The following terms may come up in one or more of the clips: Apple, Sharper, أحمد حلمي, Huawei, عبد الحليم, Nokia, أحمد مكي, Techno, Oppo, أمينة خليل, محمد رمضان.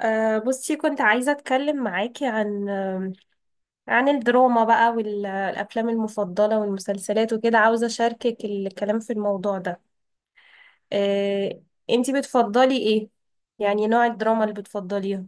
بصي، كنت عايزة أتكلم معاكي عن آم، عن الدراما بقى والأفلام المفضلة والمسلسلات وكده، عاوزة أشاركك الكلام في الموضوع ده. أه أنتي بتفضلي إيه؟ يعني نوع الدراما اللي بتفضليها.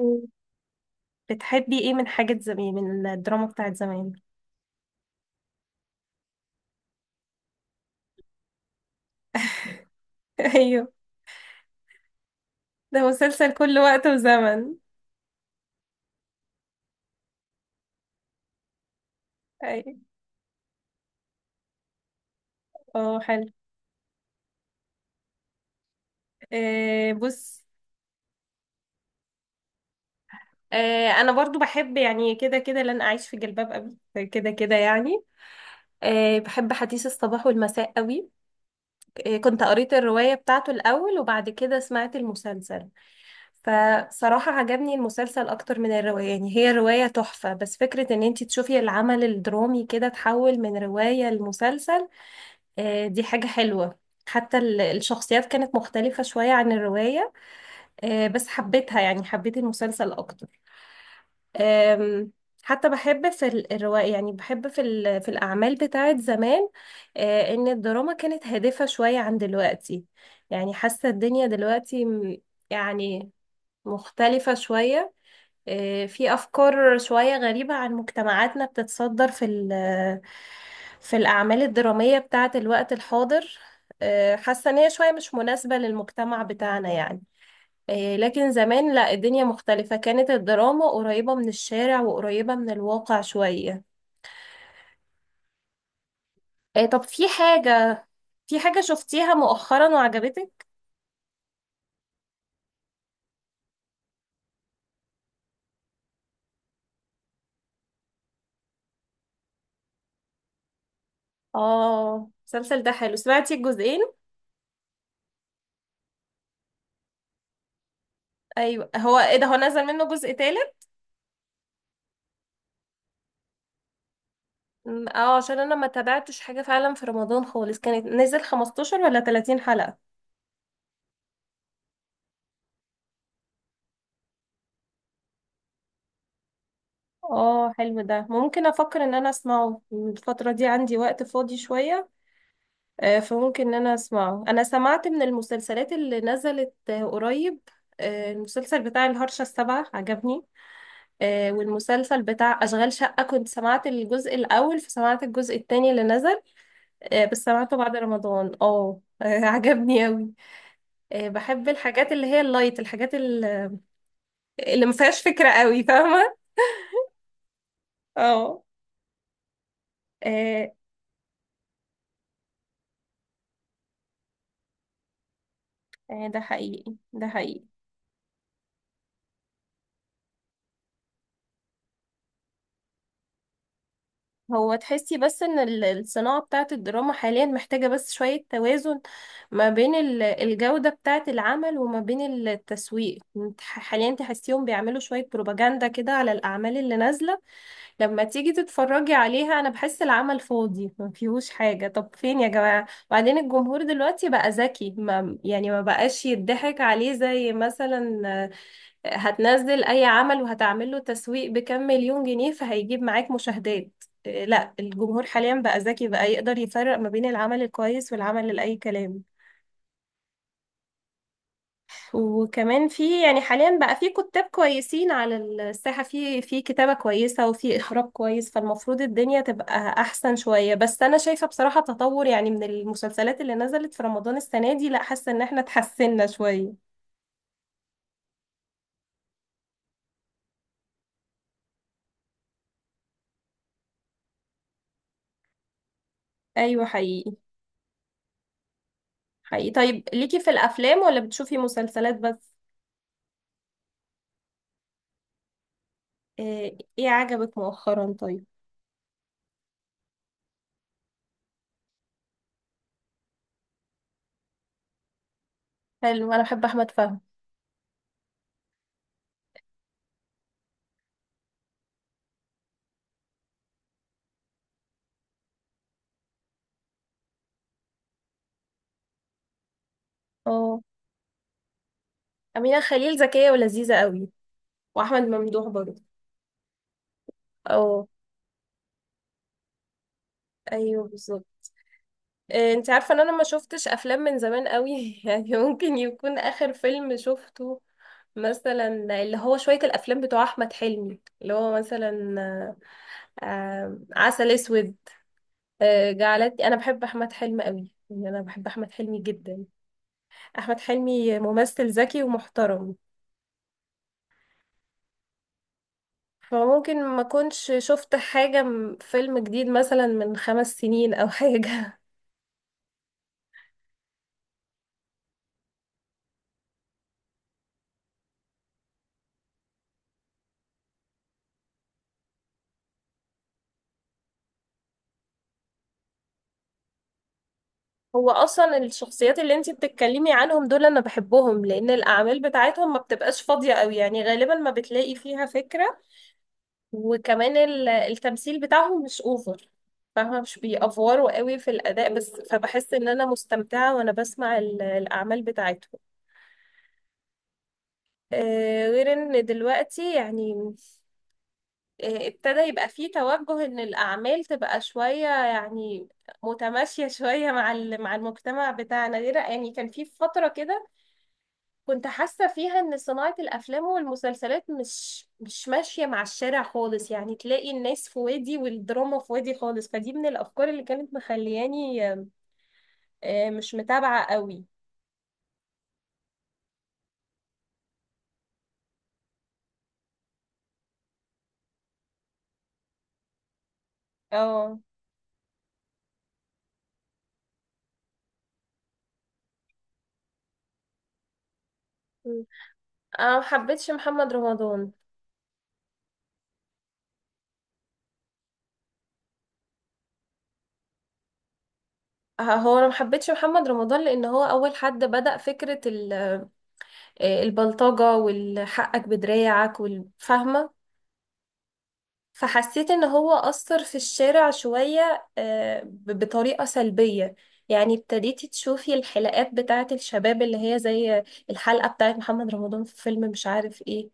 مم. بتحبي إيه من حاجة زمان، من الدراما بتاعت زمان؟ أيوه. ده مسلسل كل وقت وزمن. أيوه. حلو. بص. أنا برضو بحب يعني كده كده لن أعيش في جلباب أبي كده كده يعني. بحب حديث الصباح والمساء قوي. كنت قريت الرواية بتاعته الأول، وبعد كده سمعت المسلسل، فصراحة عجبني المسلسل أكتر من الرواية. يعني هي الرواية تحفة، بس فكرة إن انتي تشوفي العمل الدرامي كده تحول من رواية لمسلسل، دي حاجة حلوة. حتى الشخصيات كانت مختلفة شوية عن الرواية، بس حبيتها، يعني حبيت المسلسل أكتر. أم، حتى بحب في الرواية، يعني بحب في الأعمال بتاعت زمان، إن الدراما كانت هادفة شوية عن دلوقتي. يعني حاسة الدنيا دلوقتي يعني مختلفة شوية. في أفكار شوية غريبة عن مجتمعاتنا بتتصدر في الأعمال الدرامية بتاعت الوقت الحاضر. حاسة إن هي شوية مش مناسبة للمجتمع بتاعنا يعني. إيه، لكن زمان لا، الدنيا مختلفة، كانت الدراما قريبة من الشارع وقريبة من الواقع شوية. إيه، طب في حاجة شفتيها مؤخرا وعجبتك؟ اه المسلسل ده حلو، سمعتي الجزئين؟ ايوه، هو ايه ده، هو نزل منه جزء تالت؟ م، اه عشان انا ما تابعتش حاجة فعلا في رمضان خالص. كانت نزل 15 ولا 30 حلقة؟ اه حلو، ده ممكن افكر ان انا اسمعه. الفترة دي عندي وقت فاضي شوية، فممكن ان انا اسمعه. انا سمعت من المسلسلات اللي نزلت قريب. المسلسل بتاع الهرشة السبعة عجبني. والمسلسل بتاع أشغال شقة، كنت سمعت الجزء الأول فسمعت الجزء التاني اللي نزل، بس سمعته بعد رمضان. اه عجبني أوي. بحب الحاجات اللي هي اللايت، الحاجات اللي ما فيهاش فكرة أوي، فاهمة؟ اه. آه، ده حقيقي ده حقيقي. هو تحسي بس ان الصناعة بتاعت الدراما حاليا محتاجة بس شوية توازن ما بين الجودة بتاعت العمل وما بين التسويق. انت حاليا تحسيهم بيعملوا شوية بروباجندا كده على الأعمال اللي نازلة. لما تيجي تتفرجي عليها أنا بحس العمل فاضي ما فيهوش حاجة. طب فين يا جماعة؟ وبعدين الجمهور دلوقتي بقى ذكي، ما يعني ما بقاش يضحك عليه، زي مثلا هتنزل اي عمل وهتعمل له تسويق بكام مليون جنيه فهيجيب معاك مشاهدات. لا، الجمهور حاليا بقى ذكي، بقى يقدر يفرق ما بين العمل الكويس والعمل اللي اي كلام. وكمان في يعني حاليا بقى في كتاب كويسين على الساحة، في كتابة كويسة وفي اخراج كويس، فالمفروض الدنيا تبقى احسن شوية. بس انا شايفة بصراحة تطور، يعني من المسلسلات اللي نزلت في رمضان السنة دي، لا حاسة ان احنا اتحسنا شوية. ايوه حقيقي. حقيقي، طيب ليكي في الافلام ولا بتشوفي مسلسلات بس؟ ايه عجبك مؤخرا، طيب؟ حلو، انا بحب احمد فهمي. اه. أمينة خليل ذكية ولذيذة قوي، وأحمد ممدوح برضه. اه. أيوه بالظبط. إيه، انت عارفة إن أنا ما شفتش أفلام من زمان قوي؟ يعني ممكن يكون آخر فيلم شفته مثلا اللي هو شوية الأفلام بتوع أحمد حلمي، اللي هو مثلا عسل أسود. جعلتني أنا بحب أحمد حلمي قوي، يعني أنا بحب أحمد حلمي جدا. أحمد حلمي ممثل ذكي ومحترم. فممكن ما كنتش شفت حاجة فيلم جديد مثلا من خمس سنين أو حاجة. هو أصلا الشخصيات اللي انتي بتتكلمي عنهم دول أنا بحبهم، لأن الأعمال بتاعتهم ما بتبقاش فاضية أوي، يعني غالبا ما بتلاقي فيها فكرة. وكمان التمثيل بتاعهم مش أوفر، فاهمة؟ مش بيأفوروا قوي في الأداء بس، فبحس إن أنا مستمتعة وأنا بسمع الأعمال بتاعتهم. غير إن دلوقتي يعني ابتدى يبقى فيه توجه ان الاعمال تبقى شوية يعني متماشية شوية مع مع المجتمع بتاعنا. غير يعني كان في فترة كده كنت حاسة فيها ان صناعة الافلام والمسلسلات مش ماشية مع الشارع خالص، يعني تلاقي الناس في وادي والدراما في وادي خالص. فدي من الافكار اللي كانت مخلياني مش متابعة قوي. اه. م. انا محبتش محمد رمضان. هو انا محبتش محمد رمضان لان هو اول حد بدأ فكرة ال آه، البلطجة والحقك بدراعك والفهمة. فحسيت ان هو أثر في الشارع شوية بطريقة سلبية. يعني ابتديتي تشوفي الحلقات بتاعة الشباب اللي هي زي الحلقة بتاعة محمد رمضان في فيلم مش عارف ايه.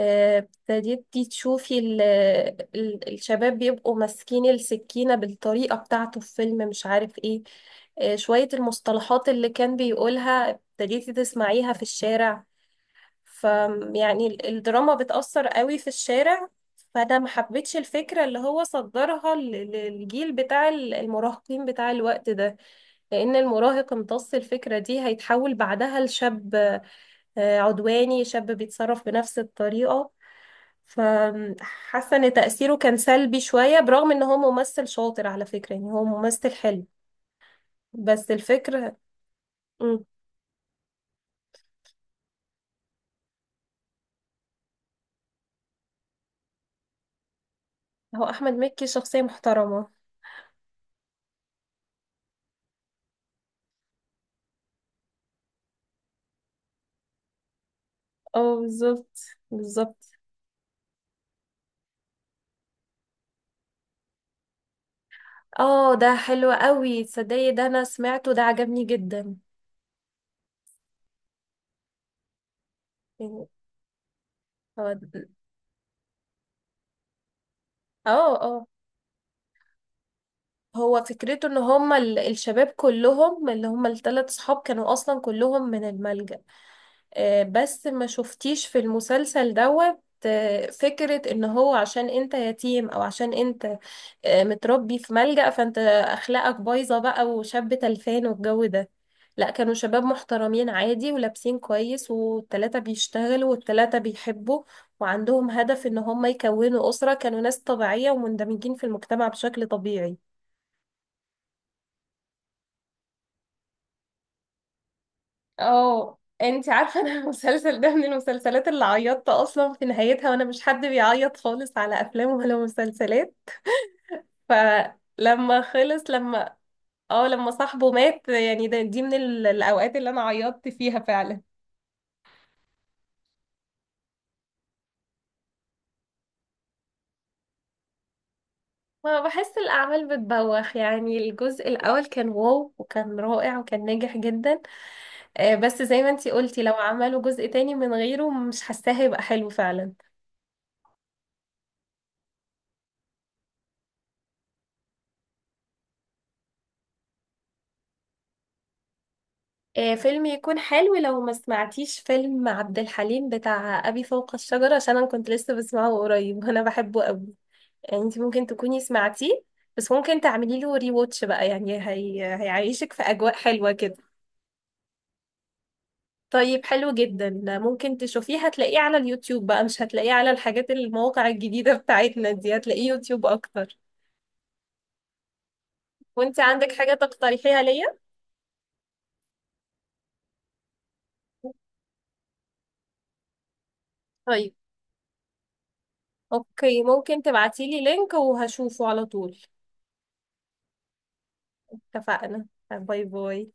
ابتديتي تشوفي الشباب بيبقوا ماسكين السكينة بالطريقة بتاعته في فيلم مش عارف ايه. شوية المصطلحات اللي كان بيقولها ابتديتي تسمعيها في الشارع. ف يعني الدراما بتأثر قوي في الشارع. فانا ما حبيتش الفكره اللي هو صدرها للجيل بتاع المراهقين بتاع الوقت ده، لان المراهق امتص الفكره دي هيتحول بعدها لشاب عدواني، شاب بيتصرف بنفس الطريقه. فحاسه ان تأثيره كان سلبي شويه، برغم ان هو ممثل شاطر على فكره، يعني هو ممثل حلو، بس الفكره. مم، هو احمد مكي شخصيه محترمه. اه بالظبط، بالظبط. اه ده حلو قوي، تصدقي ده انا سمعته، ده عجبني جدا. يعني هو اه اه هو فكرته ان هما الشباب كلهم، اللي هما الثلاث صحاب، كانوا اصلا كلهم من الملجأ. بس ما شفتيش في المسلسل دوت فكرة ان هو عشان انت يتيم او عشان انت متربي في ملجأ فانت اخلاقك بايظة بقى وشاب تلفان والجو ده. لا، كانوا شباب محترمين عادي، ولابسين كويس، والتلاتة بيشتغلوا والتلاتة بيحبوا، وعندهم هدف ان هم يكونوا أسرة. كانوا ناس طبيعية ومندمجين في المجتمع بشكل طبيعي. اه، انت عارفه انا المسلسل ده من المسلسلات اللي عيطت اصلا في نهايتها، وانا مش حد بيعيط خالص على افلام ولا مسلسلات. فلما خلص. لما صاحبه مات، يعني ده، دي من الاوقات اللي انا عيطت فيها فعلا. ما بحس الاعمال بتبوخ، يعني الجزء الاول كان واو وكان رائع وكان ناجح جدا. بس زي ما انتي قلتي لو عملوا جزء تاني من غيره مش حاساه هيبقى حلو فعلا. فيلم يكون حلو، لو ما سمعتيش فيلم عبد الحليم بتاع أبي فوق الشجرة، عشان أنا كنت لسه بسمعه قريب. وأنا بحبه قوي، يعني أنت ممكن تكوني سمعتيه، بس ممكن تعملي له ري واتش بقى. يعني هيعيشك في أجواء حلوة كده. طيب حلو جدا، ممكن تشوفيه. هتلاقيه على اليوتيوب بقى، مش هتلاقيه على الحاجات المواقع الجديدة بتاعتنا دي، هتلاقيه يوتيوب أكتر. وأنت عندك حاجة تقترحيها ليا؟ طيب أوكي، ممكن تبعتيلي لينك وهشوفه على طول. اتفقنا. باي باي.